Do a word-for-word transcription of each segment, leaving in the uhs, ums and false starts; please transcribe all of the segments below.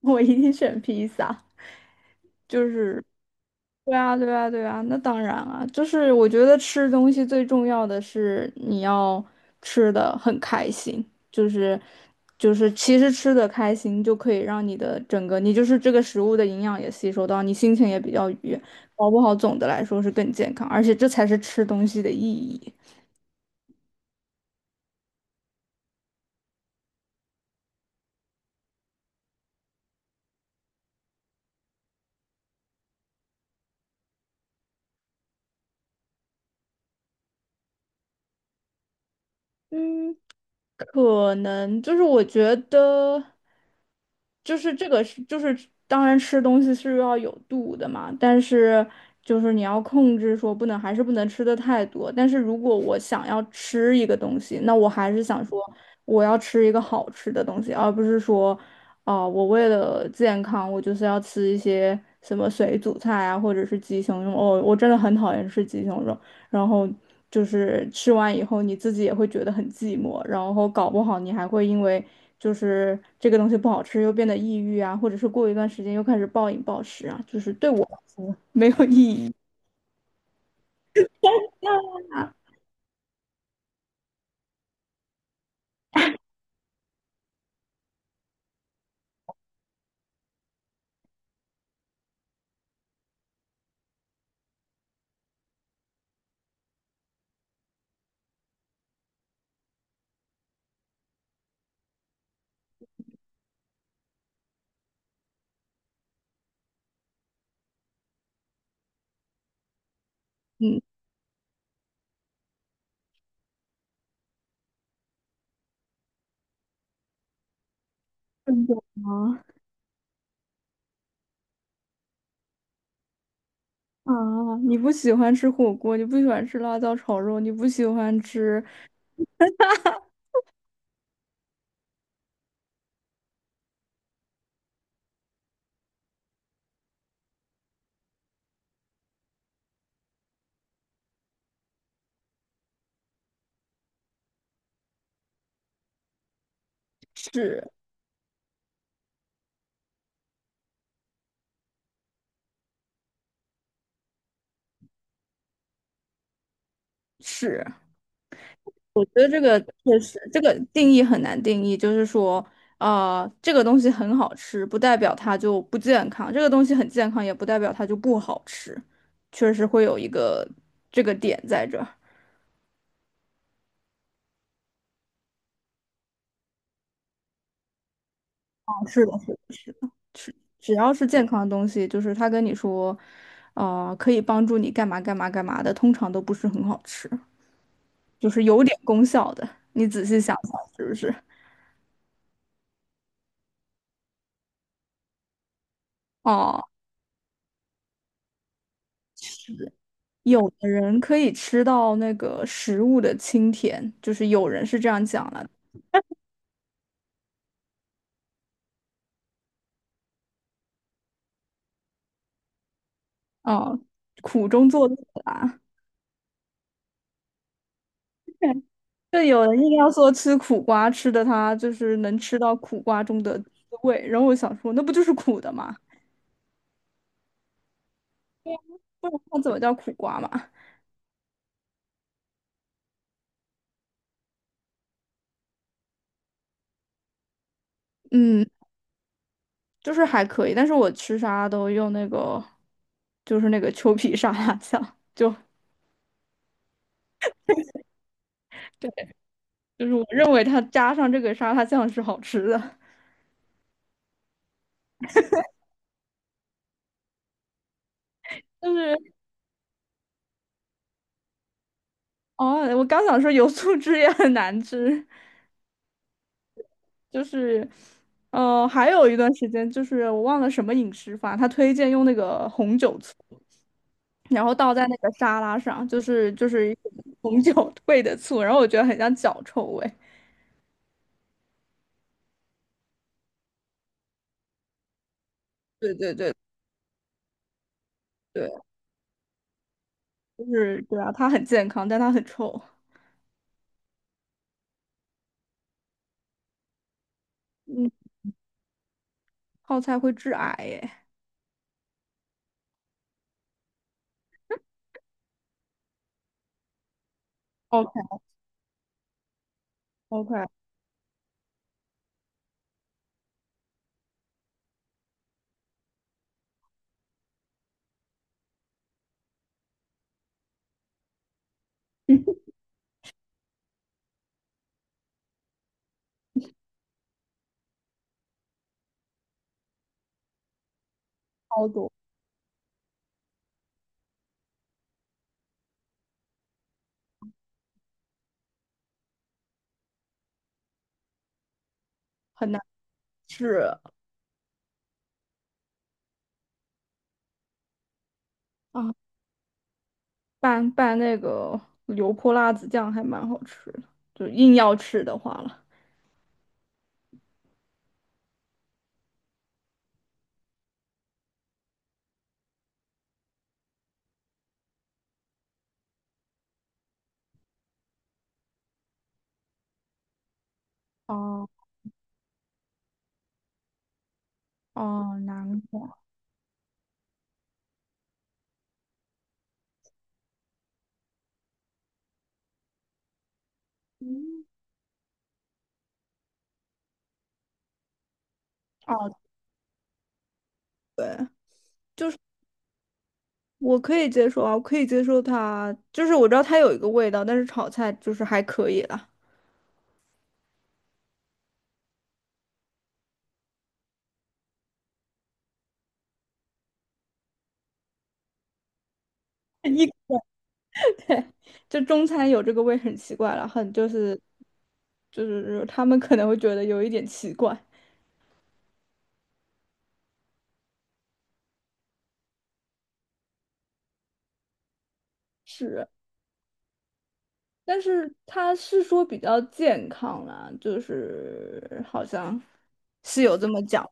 我一定选披萨，就是。对啊，对啊，对啊，那当然啊，就是我觉得吃东西最重要的是你要吃的很开心，就是就是其实吃的开心就可以让你的整个你就是这个食物的营养也吸收到，你心情也比较愉悦，搞不好总的来说是更健康，而且这才是吃东西的意义。嗯。可能就是我觉得，就是这个是就是当然吃东西是要有度的嘛，但是就是你要控制说不能还是不能吃的太多。但是如果我想要吃一个东西，那我还是想说我要吃一个好吃的东西，而不是说哦、我为了健康，我就是要吃一些什么水煮菜啊，或者是鸡胸肉。哦，我真的很讨厌吃鸡胸肉。然后就是吃完以后你自己也会觉得很寂寞，然后搞不好你还会因为就是这个东西不好吃又变得抑郁啊，或者是过一段时间又开始暴饮暴食啊，就是对我没有意义。那嗯，真的吗？啊，你不喜欢吃火锅，你不喜欢吃辣椒炒肉，你不喜欢吃屎屎。觉得这个确实，这个定义很难定义，就是说，啊，这个东西很好吃，不代表它就不健康；这个东西很健康，也不代表它就不好吃。确实会有一个这个点在这儿。啊是的，是的，是的，只要是健康的东西，就是他跟你说，呃，可以帮助你干嘛干嘛干嘛的，通常都不是很好吃，就是有点功效的。你仔细想想，是不是？哦，是。有的人可以吃到那个食物的清甜，就是有人是这样讲了，啊，苦中作乐啦。就有人硬要说吃苦瓜，吃的他就是能吃到苦瓜中的滋味，然后我想说，那不就是苦的吗？不然它怎么叫苦瓜嘛？嗯，就是还可以，但是我吃啥都用那个，就是那个秋皮沙拉酱，就就是我认为它加上这个沙拉酱是好吃的，但是。哦，我刚想说油醋汁也很难吃，就是，呃，还有一段时间就是我忘了什么饮食法，他推荐用那个红酒醋，然后倒在那个沙拉上，就是就是 红酒兑的醋，然后我觉得很像脚臭味。对对对对，就是对啊，它很健康，但它很臭。嗯，泡菜会致癌耶。OK OK，超多，很难吃啊！拌拌那个油泼辣子酱还蛮好吃的，就硬要吃的话了。哦哦，难怪嗯哦，对，我可以接受啊，我可以接受它，就是我知道它有一个味道，但是炒菜就是还可以啦。一就中餐有这个味很奇怪了，很就是就是他们可能会觉得有一点奇怪，是，但是他是说比较健康啦，就是好像是有这么讲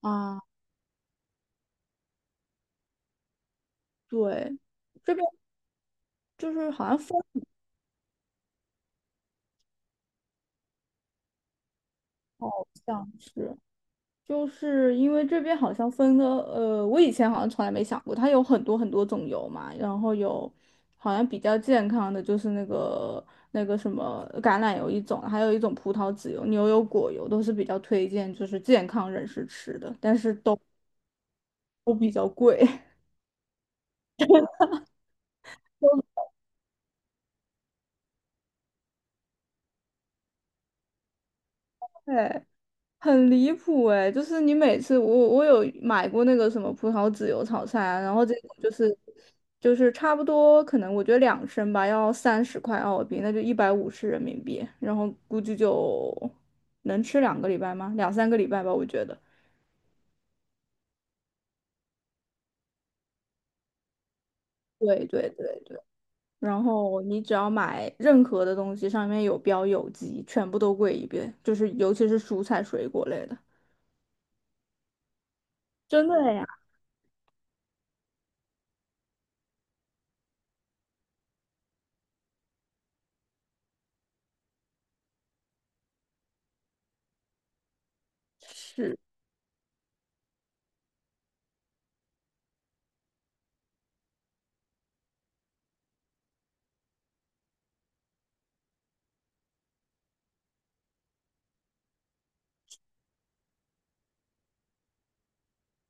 啊，对，这边就是好像风好像是。就是因为这边好像分的，呃，我以前好像从来没想过，它有很多很多种油嘛，然后有好像比较健康的就是那个那个什么橄榄油一种，还有一种葡萄籽油、牛油果油都是比较推荐，就是健康人士吃的，但是都都比较贵。对，很离谱哎、就是你每次我我有买过那个什么葡萄籽油炒菜啊，然后这个就是就是差不多，可能我觉得两升吧，要三十块澳币，那就一百五十人民币，然后估计就能吃两个礼拜吗？两三个礼拜吧，我觉得。对对对对，然后你只要买任何的东西，上面有标有机，全部都贵一遍，就是尤其是蔬菜水果类的，真的呀。是。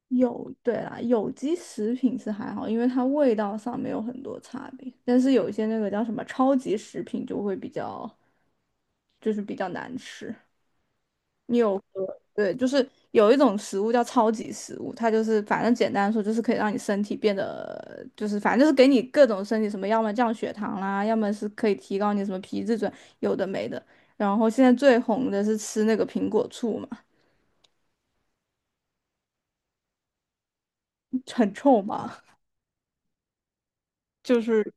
有，对啦，有机食品是还好，因为它味道上没有很多差别，但是有一些那个叫什么超级食品就会比较，就是比较难吃。你有喝，对，就是有一种食物叫超级食物，它就是反正简单说就是可以让你身体变得，就是反正就是给你各种身体什么，要么降血糖啦，要么是可以提高你什么皮质醇，有的没的。然后现在最红的是吃那个苹果醋嘛，很臭嘛，就是。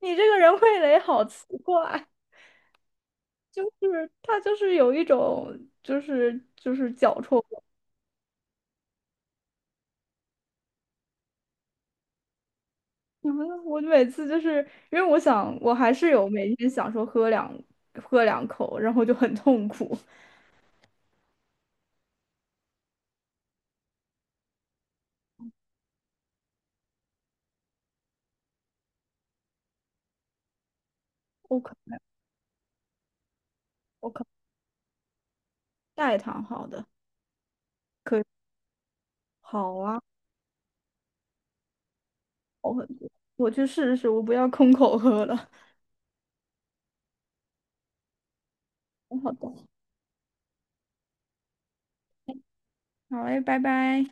你这个人味蕾好奇怪，就是他就是有一种就是就是脚臭味你们 我每次就是因为我想我还是有每天想说喝两喝两口，然后就很痛苦。我可我可代糖好的，可以好啊，好很多。我去试试，我不要空口喝了。好的，好嘞，拜拜。